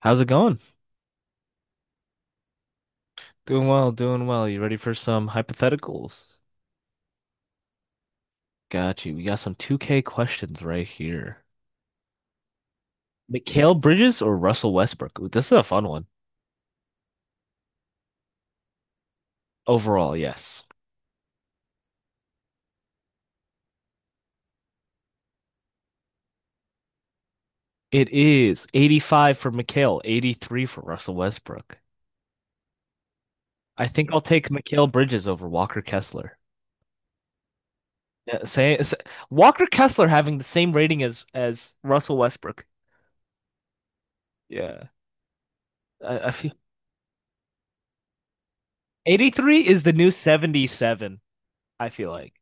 How's it going? Doing well, doing well. You ready for some hypotheticals? Got you. We got some 2K questions right here. Mikal Bridges or Russell Westbrook? Ooh, this is a fun one. Overall, yes. It is 85 for Mikal, 83 for Russell Westbrook. I think I'll take Mikal Bridges over Walker Kessler. Yeah. Walker Kessler having the same rating as Russell Westbrook. Yeah. I feel 83 is the new 77, I feel like.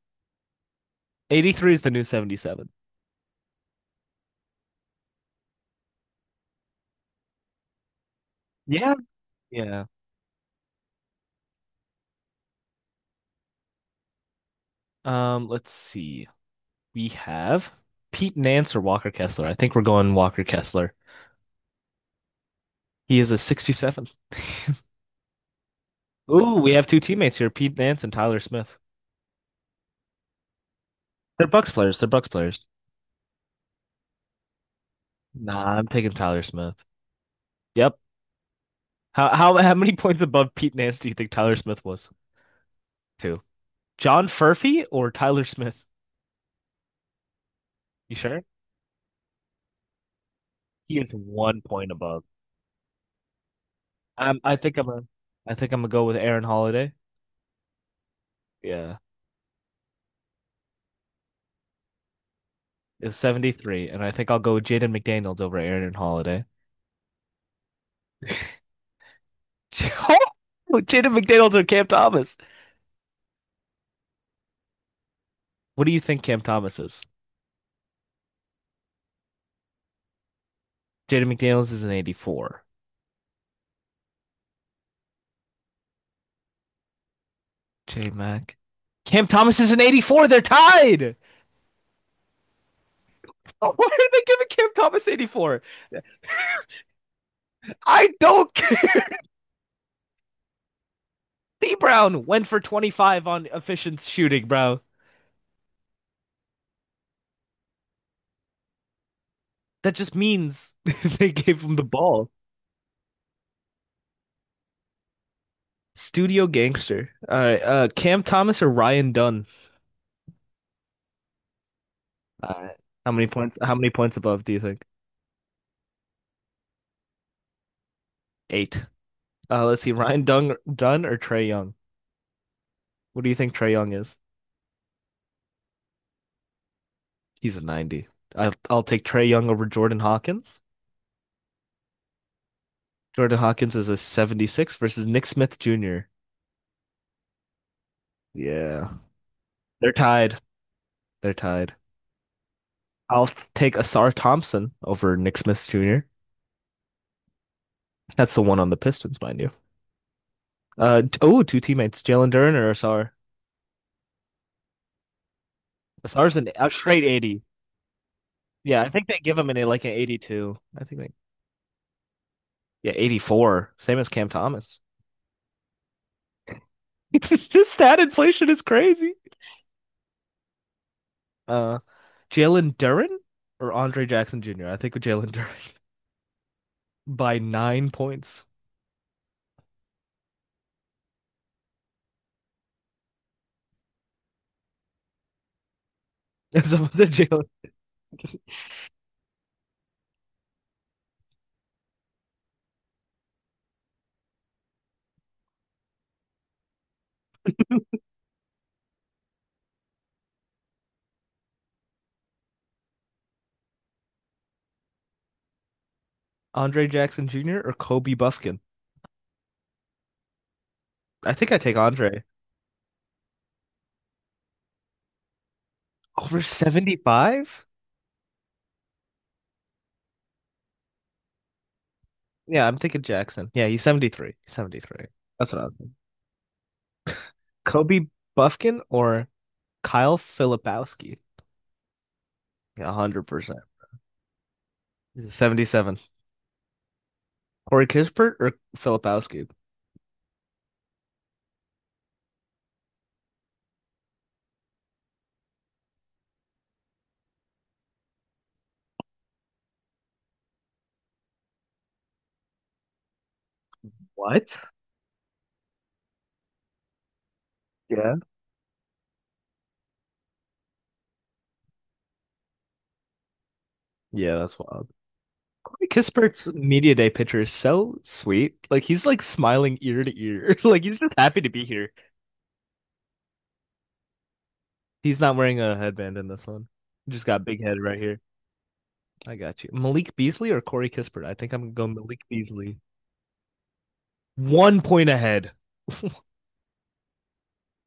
83 is the new 77. Yeah, yeah. Let's see. We have Pete Nance or Walker Kessler. I think we're going Walker Kessler. He is a 67. Ooh, we have two teammates here, Pete Nance and Tyler Smith. They're Bucks players. They're Bucks players. Nah, I'm taking Tyler Smith. Yep. How many points above Pete Nance do you think Tyler Smith was? Two. John Furphy or Tyler Smith? You sure? He is 1 point above. Um, I think I'm a, I think I'm gonna go with Aaron Holiday. Yeah. It was 73, and I think I'll go with Jaden McDaniels over Aaron Holiday. Jaden McDaniels or Cam Thomas? What do you think Cam Thomas is? Jaden McDaniels is an 84. J Mac. Cam Thomas is an 84. They're tied. Oh, why are they giving Cam Thomas 84? I don't care. D Brown went for 25 on efficient shooting, bro. That just means they gave him the ball. Studio gangster. All right. Cam Thomas or Ryan Dunn? All right. How many points? How many points above do you think? Eight. Let's see, Ryan Dung Dunn or Trey Young? What do you think Trey Young is? He's a 90. I'll take Trey Young over Jordan Hawkins. Jordan Hawkins is a 76 versus Nick Smith Jr. Yeah. They're tied. They're tied. I'll take Asar Thompson over Nick Smith Jr. That's the one on the Pistons, mind you. Oh, two teammates, Jalen Duren or Asar. Asar's an a straight 80. Yeah, I think they give him an like an 82. Yeah, 84. Same as Cam Thomas. this stat inflation is crazy. Uh, Jalen Duren or Andre Jackson Jr. I think with Jalen Duren by 9 points. Someone said Jalen Andre Jackson Jr. or Kobe Bufkin. I think I take Andre over 75. Yeah, I'm thinking Jackson. Yeah, he's 73. He's 73. That's what I was thinking. Kobe Bufkin or Kyle Filipowski. Yeah, 100%. He's a 77. Corey Kispert or Filipowski? What? Yeah. Yeah, that's wild. Corey Kispert's media day picture is so sweet. Like he's like smiling ear to ear. Like he's just happy to be here. He's not wearing a headband in this one. Just got big head right here. I got you. Malik Beasley or Corey Kispert? I think I'm gonna go Malik Beasley. 1 point ahead.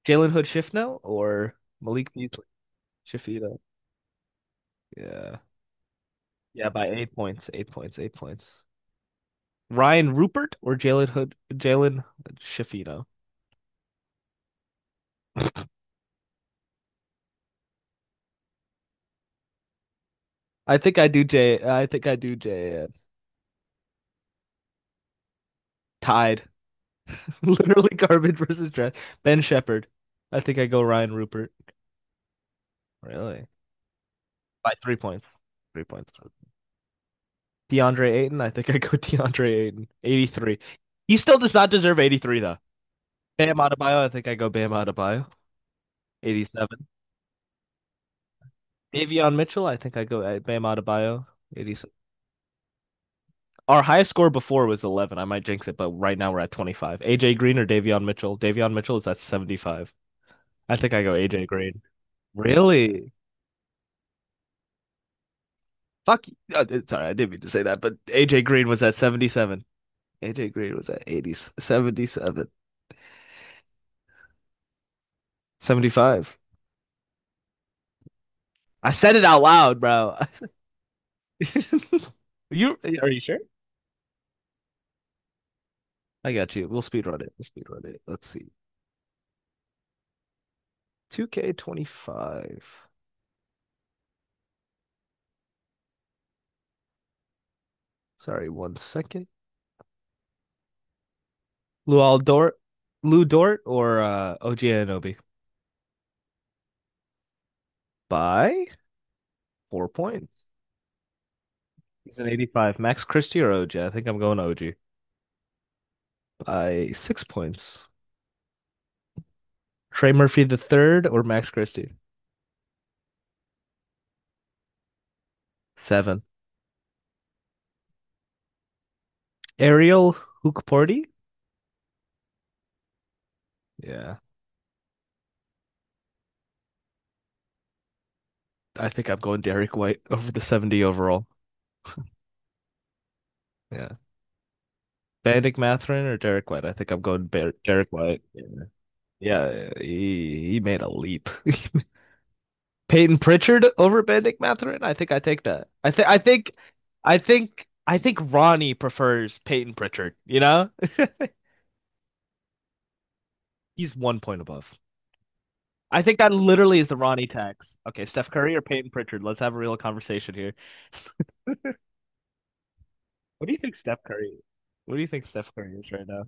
Jalen Hood Shifno or Malik Beasley? Shifita. Yeah. Yeah, by 8 points. 8 points. 8 points. Ryan Rupert or Jalen Hood Jalen Shifito? I think I do JS. Tied. Literally garbage versus trash. Ben Shepherd. I think I go Ryan Rupert. Really? By 3 points. 3 points. DeAndre Ayton. I think I go DeAndre Ayton. 83. He still does not deserve 83, though. Bam Adebayo. I think I go Bam Adebayo. 87. Davion Mitchell. I think I go Bam Adebayo. 87. Our highest score before was 11. I might jinx it, but right now we're at 25. AJ Green or Davion Mitchell? Davion Mitchell is at 75. I think I go AJ Green. Really? Fuck. You. Sorry, I didn't mean to say that, but AJ Green was at 77. AJ Green was at 80, 77, 75. I said it out loud, bro. You sure? I got you. We'll speed run it. We'll speed run it. Let's see. 2K25. Sorry, 1 second. Luol Dort, Lou Dort or OG Anunoby by 4 points. He's an 85. Max Christie or OG? I think I'm going OG by 6 points. Trey Murphy the third or Max Christie? Seven. Ariel Hookporty? Yeah. I think I'm going Derek White over the 70 overall. Yeah. Bandic Matherin or Derek White? I think I'm going Derek White. Yeah, he made a leap. Peyton Pritchard over Benedict Matherin? I think I take that. I think Ronnie prefers Peyton Pritchard, you know? He's 1 point above. I think that literally is the Ronnie tax. Okay, Steph Curry or Peyton Pritchard? Let's have a real conversation here. What do you think Steph Curry? What do you think Steph Curry is right now?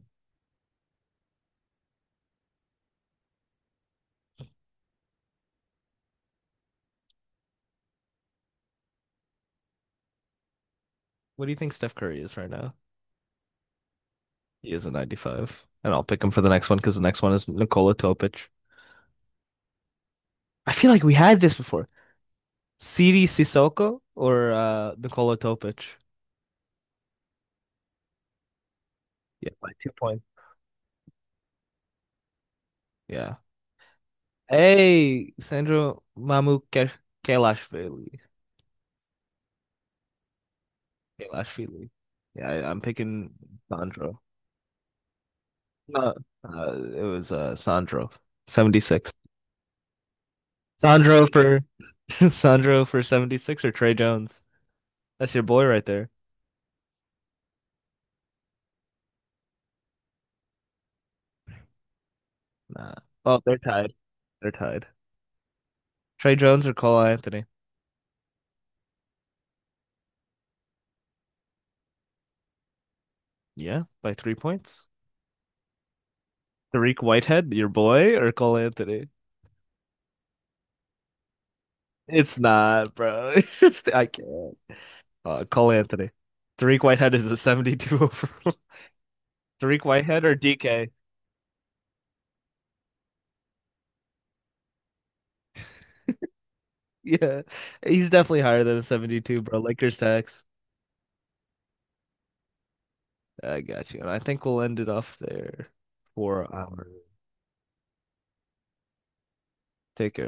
What do you think Steph Curry is right now? He is a 95. And I'll pick him for the next one because the next one is Nikola Topic. I feel like we had this before. Siri Sissoko or Nikola Topic? Yeah, by 2 points. Yeah. Hey, Sandro Mamuke Kalashvili. Kalashvili. Yeah, I'm picking Sandro. No, it was Sandro. 76. Sandro for Sandro for 76 or Trey Jones? That's your boy right there. Nah. Oh, they're tied. They're tied. Trey Jones or Cole Anthony? Yeah, by 3 points. Tariq Whitehead, your boy, or Cole Anthony? It's not, bro. It's I can't. Cole Anthony. Tariq Whitehead is a 72 overall. Tariq Whitehead or DK? Yeah, he's definitely higher than a 72, bro. Lakers tax. I got you. And I think we'll end it off there for our take care.